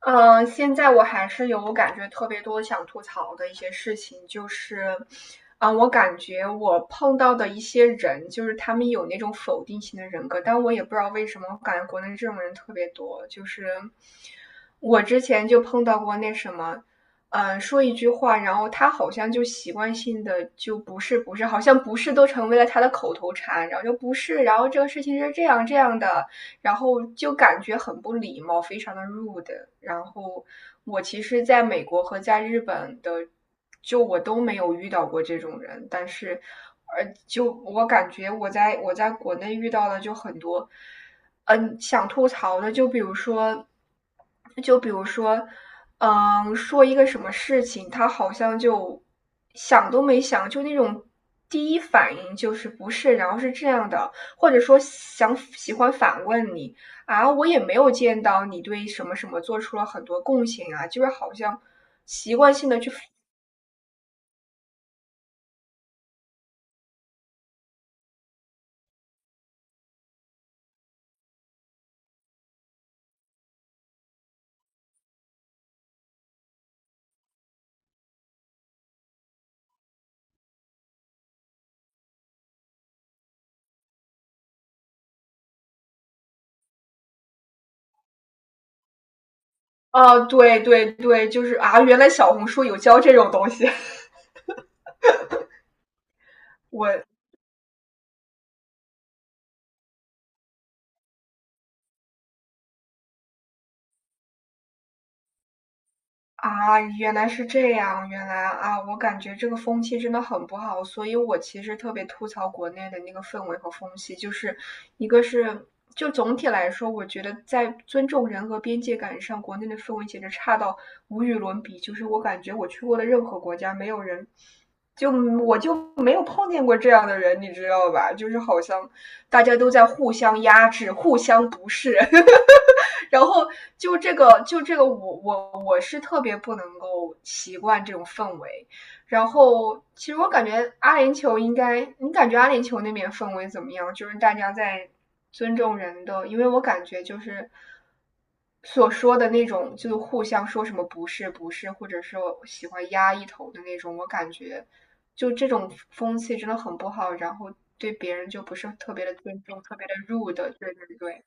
嗯，现在我还是有感觉特别多想吐槽的一些事情，就是，啊、我感觉我碰到的一些人，就是他们有那种否定型的人格，但我也不知道为什么，我感觉国内这种人特别多。就是我之前就碰到过那什么，嗯，说一句话，然后他好像就习惯性的就不是不是，好像不是都成为了他的口头禅，然后就不是，然后这个事情是这样的，然后就感觉很不礼貌，非常的 rude。然后我其实在美国和在日本的，就我都没有遇到过这种人，但是，就我感觉我在国内遇到的就很多，嗯，想吐槽的，就比如说，就比如说，嗯，说一个什么事情，他好像就想都没想，就那种第一反应就是不是，然后是这样的。或者说想喜欢反问你啊，我也没有见到你对什么什么做出了很多贡献啊，就是好像习惯性的去，啊，对对对，就是啊，原来小红书有教这种东西，啊，原来是这样，原来啊，我感觉这个风气真的很不好，所以我其实特别吐槽国内的那个氛围和风气，就是一个是就总体来说，我觉得在尊重人和边界感上，国内的氛围简直差到无与伦比，就是我感觉我去过的任何国家，没有人。就我就没有碰见过这样的人，你知道吧？就是好像大家都在互相压制、互相不是。然后就这个我，我是特别不能够习惯这种氛围。然后，其实我感觉阿联酋应该，你感觉阿联酋那边氛围怎么样？就是大家在尊重人的，因为我感觉就是所说的那种，就是互相说什么不是不是，或者是我喜欢压一头的那种，我感觉就这种风气真的很不好。然后对别人就不是特别的尊重，特别的 rude，对对对。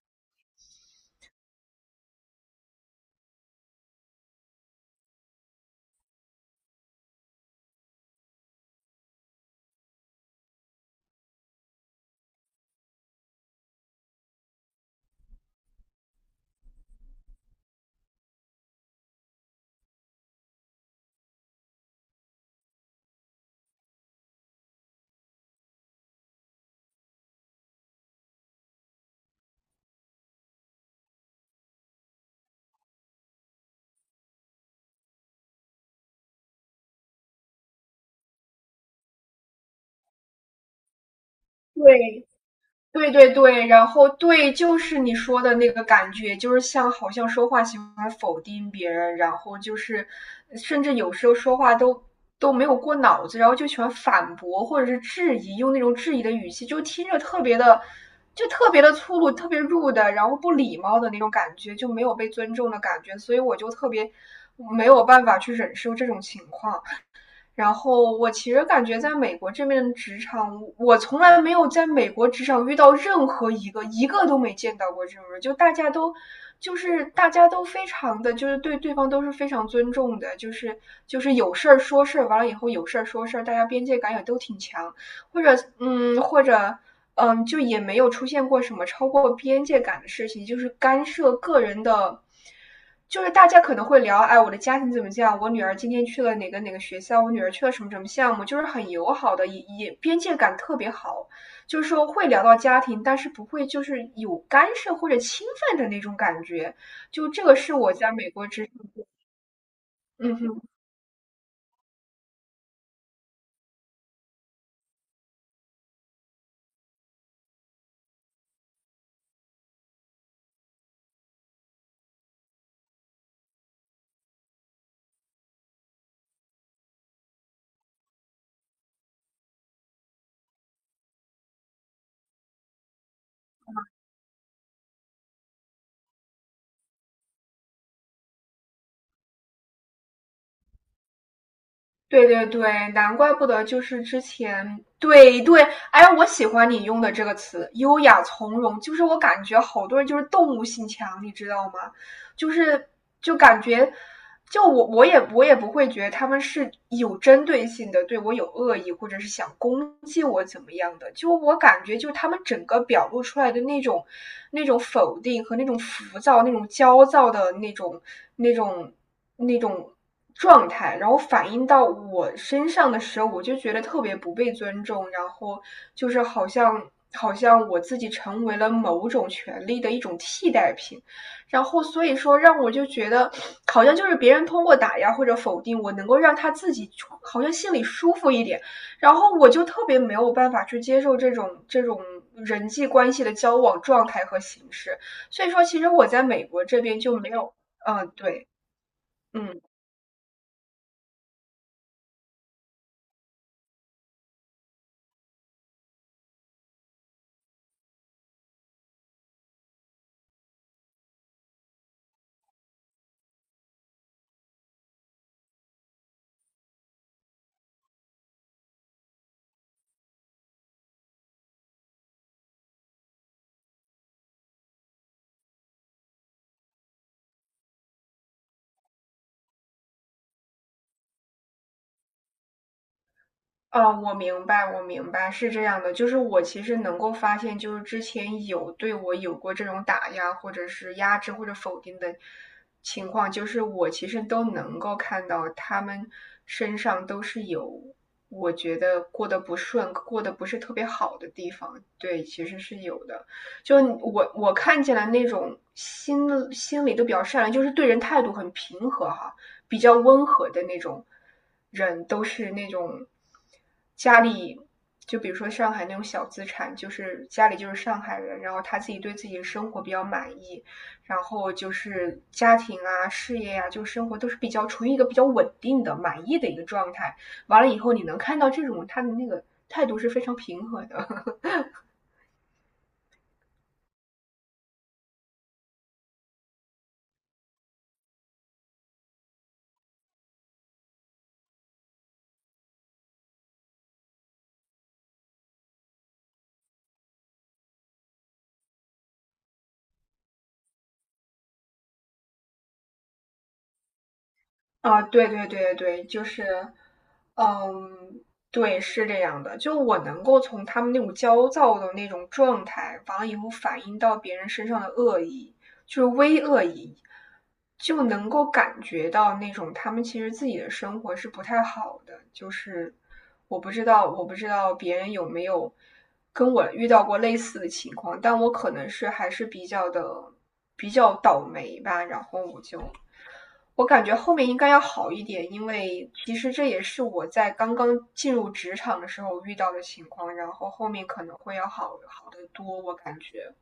对，对对对，然后对，就是你说的那个感觉，就是像好像说话喜欢否定别人，然后就是甚至有时候说话都没有过脑子，然后就喜欢反驳或者是质疑，用那种质疑的语气，就听着特别的，就特别的粗鲁，特别 rude 的，然后不礼貌的那种感觉，就没有被尊重的感觉，所以我就特别没有办法去忍受这种情况。然后我其实感觉在美国这边的职场，我从来没有在美国职场遇到任何一个，一个都没见到过这种人，就大家都。就是大家都非常的，就是对对方都是非常尊重的，就是就是有事儿说事儿，完了以后有事儿说事儿，大家边界感也都挺强。或者或者就也没有出现过什么超过边界感的事情，就是干涉个人的，就是大家可能会聊，哎，我的家庭怎么这样？我女儿今天去了哪个哪个学校？我女儿去了什么什么项目？就是很友好的，也也边界感特别好，就是说会聊到家庭，但是不会就是有干涉或者侵犯的那种感觉。就这个是我在美国之，嗯哼。对对对，难怪不得就是之前，对对，哎，我喜欢你用的这个词“优雅从容”，就是我感觉好多人就是动物性强，你知道吗？就是就感觉，就我也不会觉得他们是有针对性的对我有恶意，或者是想攻击我怎么样的。就我感觉，就他们整个表露出来的那种那种否定和那种浮躁、那种焦躁的那种那种状态，然后反映到我身上的时候，我就觉得特别不被尊重，然后就是好像。好像我自己成为了某种权利的一种替代品，然后所以说让我就觉得，好像就是别人通过打压或者否定我，能够让他自己好像心里舒服一点。然后我就特别没有办法去接受这种人际关系的交往状态和形式。所以说，其实我在美国这边就没有，嗯，对，嗯。哦，我明白，我明白，是这样的，就是我其实能够发现，就是之前有对我有过这种打压，或者是压制或者否定的情况，就是我其实都能够看到他们身上都是有我觉得过得不顺、过得不是特别好的地方，对，其实是有的。就我看起来那种心里都比较善良，就是对人态度很平和哈，比较温和的那种人，都是那种家里，就比如说上海那种小资产，就是家里就是上海人，然后他自己对自己的生活比较满意，然后就是家庭啊、事业啊，就生活都是比较处于一个比较稳定的、满意的一个状态。完了以后，你能看到这种他的那个态度是非常平和的。啊，对对对对，就是，嗯，对，是这样的。就我能够从他们那种焦躁的那种状态，完了以后反映到别人身上的恶意，就是微恶意，就能够感觉到那种他们其实自己的生活是不太好的。就是我不知道，我不知道别人有没有跟我遇到过类似的情况，但我可能是还是比较的比较倒霉吧，然后我就。我感觉后面应该要好一点，因为其实这也是我在刚刚进入职场的时候遇到的情况，然后后面可能会要好好得多，我感觉。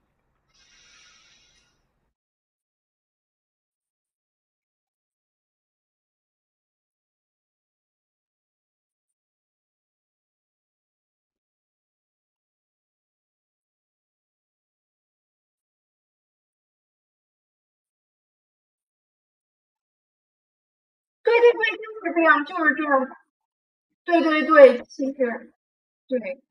对对对，就是这样，就是这样。对对对，其实对，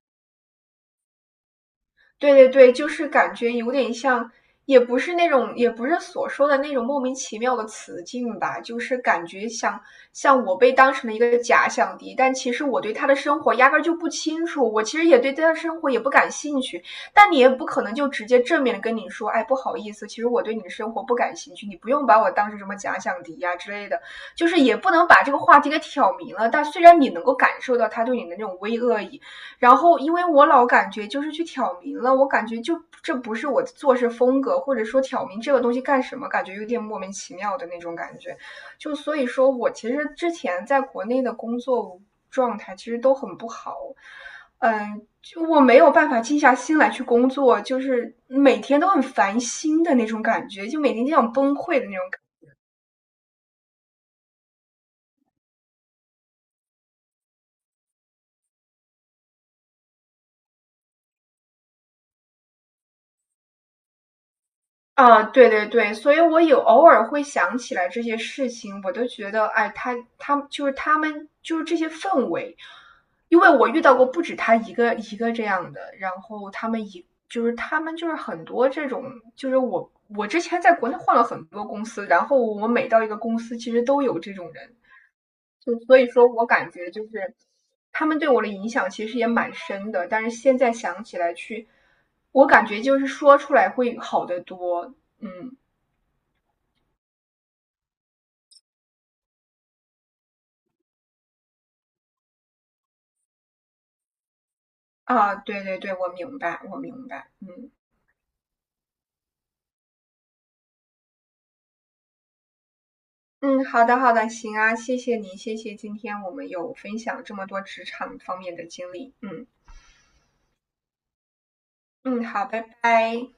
对对对，就是感觉有点像，也不是那种，也不是所说的那种莫名其妙的词境吧，就是感觉像像我被当成了一个假想敌，但其实我对他的生活压根儿就不清楚，我其实也对他的生活也不感兴趣，但你也不可能就直接正面的跟你说，哎，不好意思，其实我对你的生活不感兴趣，你不用把我当成什么假想敌呀、之类的，就是也不能把这个话题给挑明了，但虽然你能够感受到他对你的那种微恶意，然后因为我老感觉就是去挑明了，我感觉就这不是我的做事风格，或者说挑明这个东西干什么，感觉有点莫名其妙的那种感觉。就所以说我其实之前在国内的工作状态其实都很不好，嗯，就我没有办法静下心来去工作，就是每天都很烦心的那种感觉，就每天就想崩溃的那种啊，对对对，所以我有偶尔会想起来这些事情，我都觉得，哎，他就是他们就是这些氛围，因为我遇到过不止他一个这样的，然后他们一就是他们就是很多这种，就是我之前在国内换了很多公司，然后我每到一个公司，其实都有这种人。就所以说我感觉就是他们对我的影响其实也蛮深的，但是现在想起来去，我感觉就是说出来会好得多。嗯啊，对对对，我明白，我明白。嗯嗯，好的好的，行啊，谢谢您，谢谢今天我们有分享这么多职场方面的经历。嗯嗯，好，拜拜。